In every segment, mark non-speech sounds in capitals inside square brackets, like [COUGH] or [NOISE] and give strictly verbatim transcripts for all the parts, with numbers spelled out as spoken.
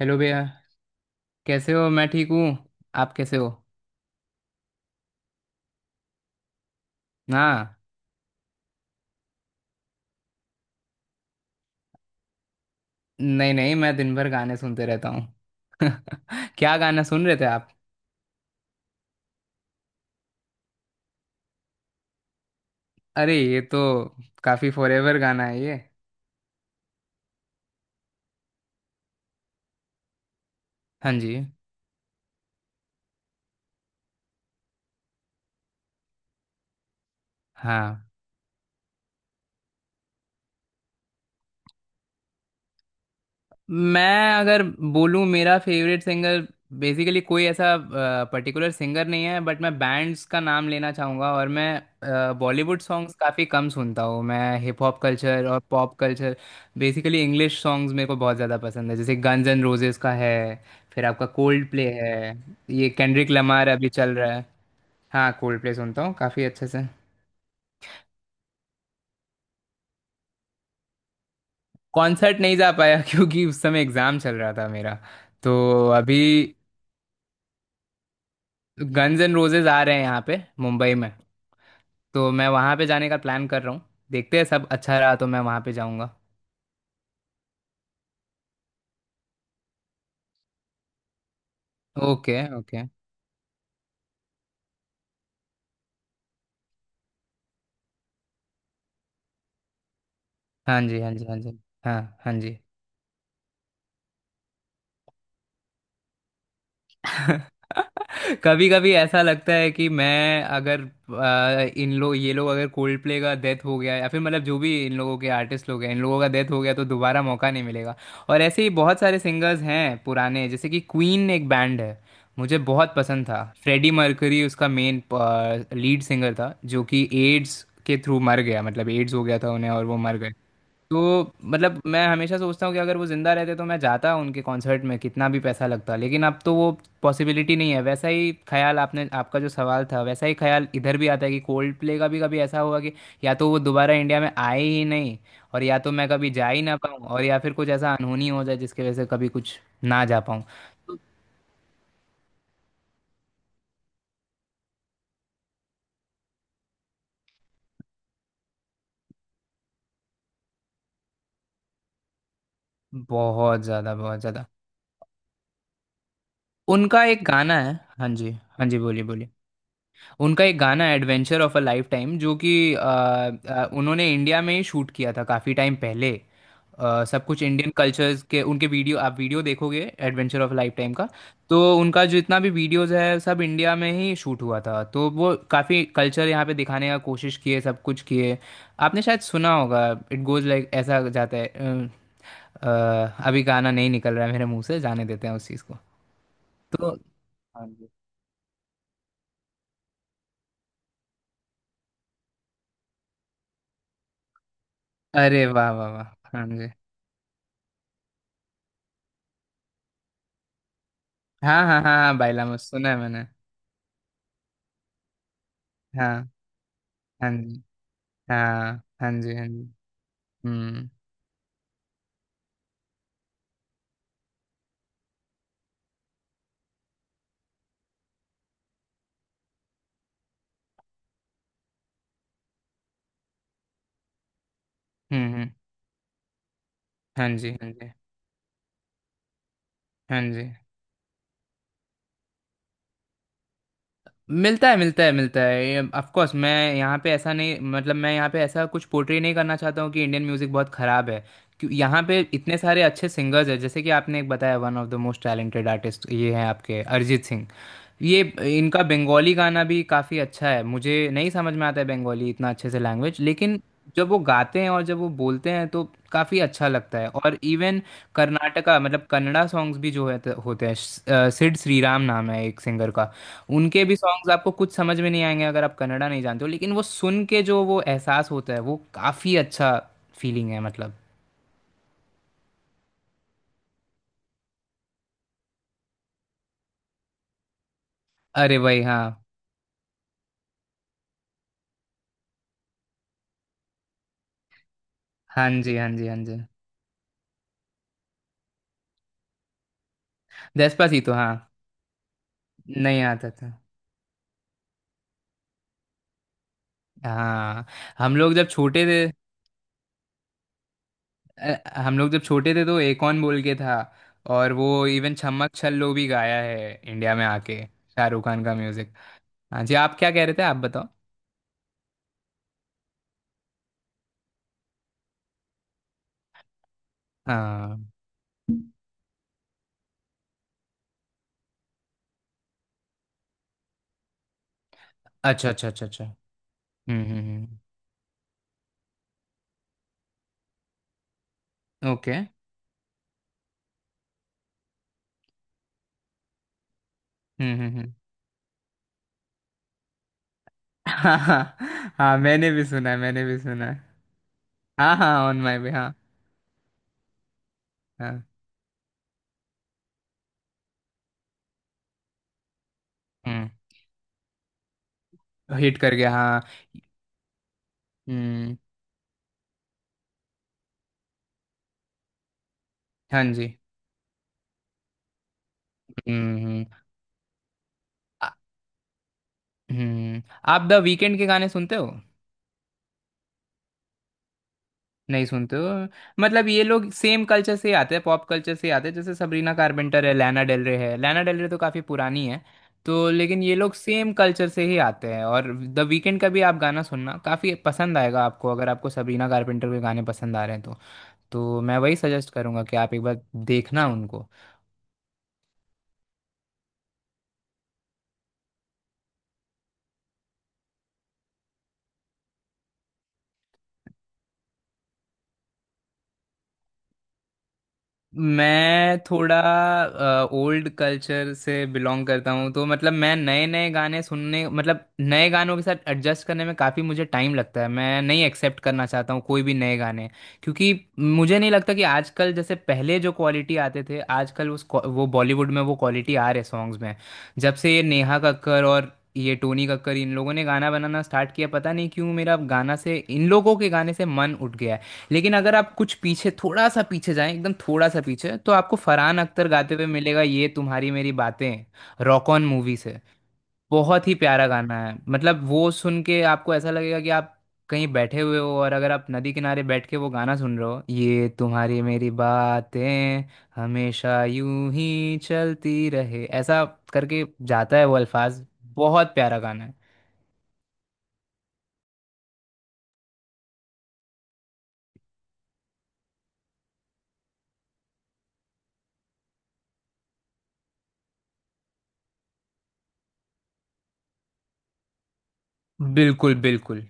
Hello भैया। कैसे हो? मैं ठीक हूँ। आप कैसे हो? हाँ, नहीं नहीं, मैं दिन भर गाने सुनते रहता हूँ। [LAUGHS] क्या गाना सुन रहे थे आप? अरे, ये तो काफ़ी फॉरेवर गाना है ये। हाँ जी। हाँ। मैं अगर बोलूँ मेरा फेवरेट सिंगर, बेसिकली कोई ऐसा पर्टिकुलर सिंगर नहीं है, बट मैं बैंड्स का नाम लेना चाहूँगा। और मैं बॉलीवुड सॉन्ग्स काफ़ी कम सुनता हूँ, मैं हिप हॉप कल्चर और pop culture, basically English songs मेरे को बहुत ज़्यादा पसंद है। जैसे गन्स एंड रोजेस का है, फिर आपका कोल्ड प्ले है, ये केंड्रिक लमार अभी चल रहा है। हाँ, कोल्ड प्ले सुनता हूँ काफ़ी अच्छे से। कॉन्सर्ट नहीं जा पाया [LAUGHS] क्योंकि उस समय एग्ज़ाम चल रहा था मेरा। तो अभी गन्स एंड रोजेज आ रहे हैं यहाँ पे मुंबई में, तो मैं वहाँ पे जाने का प्लान कर रहा हूँ। देखते हैं, सब अच्छा रहा तो मैं वहाँ पे जाऊँगा। Okay okay. हाँ जी हाँ जी हाँ जी। हाँ। हाँ जी। [LAUGHS] कभी कभी ऐसा लगता है कि मैं अगर अ, इन लोग ये लोग अगर कोल्ड प्ले का डेथ हो गया, या फिर मतलब जो भी इन लोगों के आर्टिस्ट लोग हैं, इन लोगों का डेथ हो गया तो दोबारा मौका नहीं मिलेगा। और ऐसे ही बहुत सारे सिंगर्स हैं पुराने, जैसे कि क्वीन एक बैंड है, मुझे बहुत पसंद था। फ्रेडी मर्करी उसका मेन लीड सिंगर था, जो कि एड्स के थ्रू मर गया, मतलब एड्स हो गया था उन्हें और वो मर गए। तो मतलब मैं हमेशा सोचता हूँ कि अगर वो जिंदा रहते तो मैं जाता उनके कॉन्सर्ट में, कितना भी पैसा लगता, लेकिन अब तो वो पॉसिबिलिटी नहीं है। वैसा ही ख्याल आपने आपका जो सवाल था, वैसा ही ख्याल इधर भी आता है कि कोल्ड प्ले का भी कभी ऐसा होगा कि या तो वो दोबारा इंडिया में आए ही नहीं, और या तो मैं कभी जा ही ना पाऊँ, और या फिर कुछ ऐसा अनहोनी हो जाए जिसकी वजह से कभी कुछ ना जा पाऊँ। तो बहुत ज़्यादा बहुत ज़्यादा। उनका एक गाना है। हाँ जी हाँ जी। बोलिए बोलिए। उनका एक गाना adventure of a lifetime, जो कि अ, अ, उन्होंने इंडिया में ही शूट किया था काफ़ी टाइम पहले। अ, सब कुछ इंडियन कल्चर्स के उनके वीडियो, आप वीडियो देखोगे एडवेंचर ऑफ लाइफ टाइम का। तो उनका जितना भी वीडियोस है सब इंडिया में ही शूट हुआ था, तो वो काफ़ी कल्चर यहाँ पे दिखाने का कोशिश किए, सब कुछ किए। आपने शायद सुना होगा, इट गोज लाइक ऐसा जाता है अ, अ, अभी गाना नहीं निकल रहा है मेरे मुंह से, जाने देते हैं उस चीज़ को। तो हाँ जी। अरे वाह वाह वाह। हाँ जी। हाँ हाँ हाँ हाँ, बाइलामस सुना है मैंने। हाँ। हाँ जी। हाँ। हाँ जी। हाँ जी। हम्म हम्म हम्म। हाँ जी हाँ जी हाँ जी। मिलता है मिलता है मिलता है। ये ऑफ कोर्स, मैं यहाँ पे ऐसा नहीं, मतलब मैं यहाँ पे ऐसा कुछ पोर्ट्रे नहीं करना चाहता हूँ कि इंडियन म्यूज़िक बहुत ख़राब है। क्यों, यहाँ पे इतने सारे अच्छे सिंगर्स हैं। जैसे कि आपने एक बताया, one of the most talented artist, ये हैं आपके अरिजीत सिंह। ये, इनका बंगाली गाना भी काफ़ी अच्छा है, मुझे नहीं समझ में आता है बंगाली, इतना अच्छे से लैंग्वेज, लेकिन जब वो गाते हैं और जब वो बोलते हैं तो काफ़ी अच्छा लगता है। और इवन कर्नाटका मतलब कन्नड़ा सॉन्ग्स भी जो है तो होते हैं स- अ, सिड श्रीराम नाम है एक सिंगर का। उनके भी सॉन्ग्स आपको कुछ समझ में नहीं आएंगे अगर आप कन्नड़ा नहीं जानते हो, लेकिन वो सुन के जो वो एहसास होता है वो काफ़ी अच्छा फीलिंग है, मतलब। अरे भाई हाँ। हाँ जी हाँ जी हाँ जी। डेस्पासीतो हाँ, नहीं आता था। हाँ। हम लोग जब छोटे थे अ, हम लोग जब छोटे थे तो एकॉन बोल के था। और वो इवन छम्मक छल्लो भी गाया है इंडिया में आके शाहरुख खान का म्यूजिक। हाँ जी। आप क्या कह रहे थे? आप बताओ। हाँ। अच्छा अच्छा अच्छा अच्छा। हम्म हम्म। ओके। हम्म okay। हम्म हम्म हम्म। [LAUGHS] हाँ हाँ। हाँ मैंने भी सुना है मैंने भी सुना है। हाँ हाँ ऑन माई वे हाँ। हाँ। हम्म। हिट कर गया हाँ। हम्म। हाँ जी। हम्म हम्म। आ- हम्म। आप द वीकेंड के गाने सुनते हो? नहीं सुनते हो? मतलब ये लोग सेम कल्चर से ही आते हैं, पॉप कल्चर से ही आते हैं। जैसे सबरीना कारपेंटर है, लैना डेल रे है। लैना डेल रे तो काफ़ी पुरानी है। तो लेकिन ये लोग सेम कल्चर से ही आते हैं और द वीकेंड का भी आप गाना सुनना काफ़ी पसंद आएगा आपको, अगर आपको सबरीना कारपेंटर के गाने पसंद आ रहे हैं तो। तो मैं वही सजेस्ट करूंगा कि आप एक बार देखना उनको। मैं थोड़ा ओल्ड कल्चर से बिलोंग करता हूँ, तो मतलब मैं नए नए गाने सुनने, मतलब नए गानों के साथ एडजस्ट करने में काफ़ी मुझे टाइम लगता है। मैं नहीं एक्सेप्ट करना चाहता हूँ कोई भी नए गाने, क्योंकि मुझे नहीं लगता कि आजकल जैसे पहले जो क्वालिटी आते थे, आजकल उस क्वा- वो बॉलीवुड में वो क्वालिटी आ रहे सॉन्ग्स में। जब से ये नेहा कक्कर और ये टोनी कक्कर, इन लोगों ने गाना बनाना स्टार्ट किया, पता नहीं क्यों मेरा गाना से, इन लोगों के गाने से मन उठ गया है। लेकिन अगर आप कुछ पीछे, थोड़ा सा पीछे जाएं, एकदम थोड़ा सा पीछे, तो आपको फरहान अख्तर गाते हुए मिलेगा ये तुम्हारी मेरी बातें, रॉक ऑन मूवी से। बहुत ही प्यारा गाना है, मतलब वो सुन के आपको ऐसा लगेगा कि आप कहीं बैठे हुए हो, और अगर आप नदी किनारे बैठ के वो गाना सुन रहे हो, ये तुम्हारी मेरी बातें हमेशा यूं ही चलती रहे, ऐसा करके जाता है वो अल्फाज। बहुत प्यारा गाना है। बिल्कुल बिल्कुल।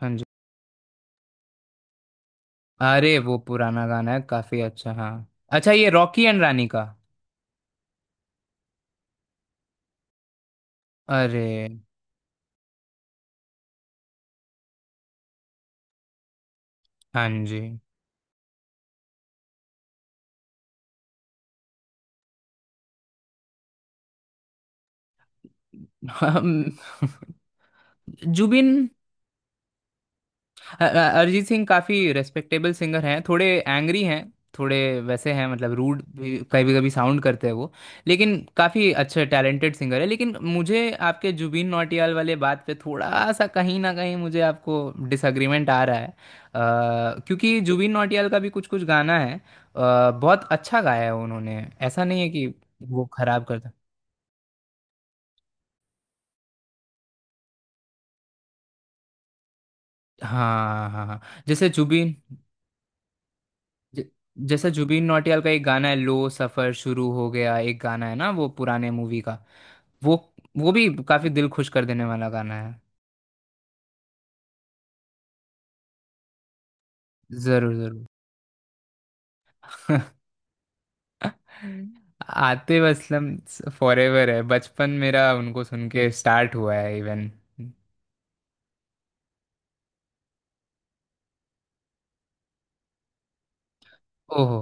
हाँ जी। अरे वो पुराना गाना है, काफी अच्छा, हाँ। अच्छा, ये रॉकी एंड रानी का? अरे। हाँ जी। [LAUGHS] हम। जुबिन अ- अ- अरिजीत सिंह काफी रेस्पेक्टेबल सिंगर हैं, थोड़े एंग्री हैं, थोड़े वैसे हैं, मतलब रूड भी कभी कभी साउंड करते हैं वो। लेकिन काफी अच्छे टैलेंटेड सिंगर है, लेकिन मुझे आपके जुबिन नौटियाल वाले बात पे थोड़ा सा, कहीं ना कहीं मुझे आपको डिसएग्रीमेंट आ रहा है। अ, क्योंकि जुबिन नौटियाल का भी कुछ कुछ गाना है, अ, बहुत अच्छा गाया है उन्होंने। ऐसा नहीं है कि वो खराब करता। हाँ हाँ हाँ हाँ। जैसे जुबिन ज- जैसा जुबिन नौटियाल का एक गाना है लो सफर शुरू हो गया, एक गाना है ना, वो पुराने मूवी का। वो वो भी काफी दिल खुश कर देने वाला गाना है। जरूर जरूर। [LAUGHS] आतिफ असलम फॉरेवर है, बचपन मेरा उनको सुन के स्टार्ट हुआ है इवन। ओहो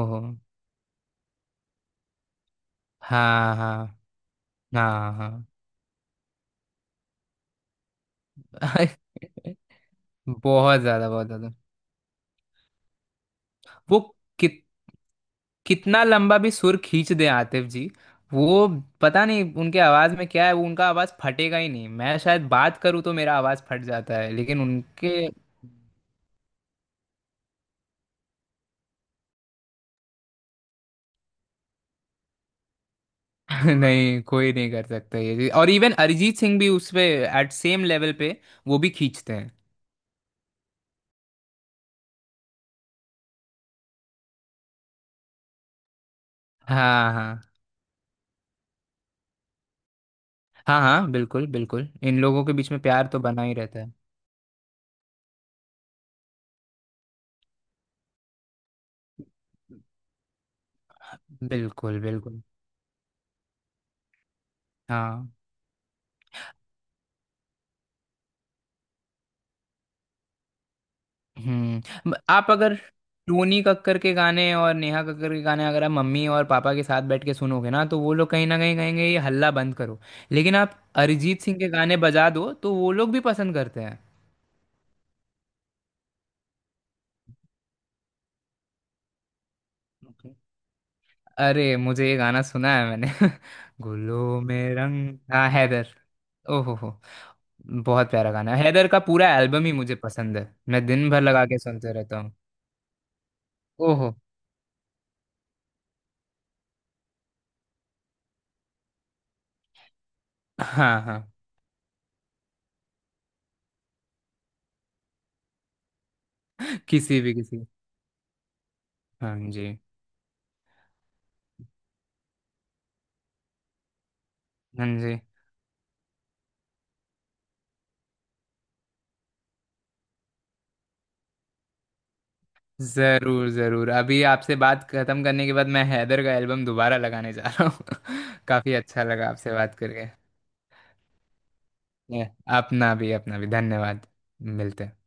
ओहो। हाँ हाँ हाँ हाँ। [LAUGHS] बहुत ज्यादा बहुत ज्यादा। वो कित कितना लंबा भी सुर खींच दे आतिफ जी। वो, पता नहीं उनके आवाज में क्या है, वो उनका आवाज फटेगा ही नहीं। मैं शायद बात करूँ तो मेरा आवाज फट जाता है, लेकिन उनके। [LAUGHS] नहीं, कोई नहीं कर सकता ये चीज़। और इवन अरिजीत सिंह भी उस पे एट सेम लेवल पे वो भी खींचते हैं। हाँ हाँ हाँ हाँ। बिल्कुल बिल्कुल, इन लोगों के बीच में प्यार तो बना ही रहता है। बिल्कुल बिल्कुल। हाँ। हम्म। म- आप अगर टूनी कक्कर के गाने और नेहा कक्कर के गाने, अगर आप मम्मी और पापा के साथ बैठ के सुनोगे ना, तो वो लोग कहीं ना कहीं कहेंगे ये हल्ला बंद करो। लेकिन आप अरिजीत सिंह के गाने बजा दो तो वो लोग भी पसंद करते हैं। Okay। अरे, मुझे ये गाना सुना है मैंने। [LAUGHS] गुलों में रंग, हाँ, हैदर। ओहो हो। बहुत प्यारा गाना है, हैदर का पूरा एल्बम ही मुझे पसंद है, मैं दिन भर लगा के सुनते रहता हूँ। ओहो। हाँ हाँ। [LAUGHS] किसी भी किसी। हाँ जी हाँ जी। जरूर जरूर, अभी आपसे बात खत्म करने के बाद मैं हैदर का एल्बम दोबारा लगाने जा रहा हूँ। [LAUGHS] काफी अच्छा लगा आपसे बात करके। अपना भी अपना भी धन्यवाद, मिलते हैं।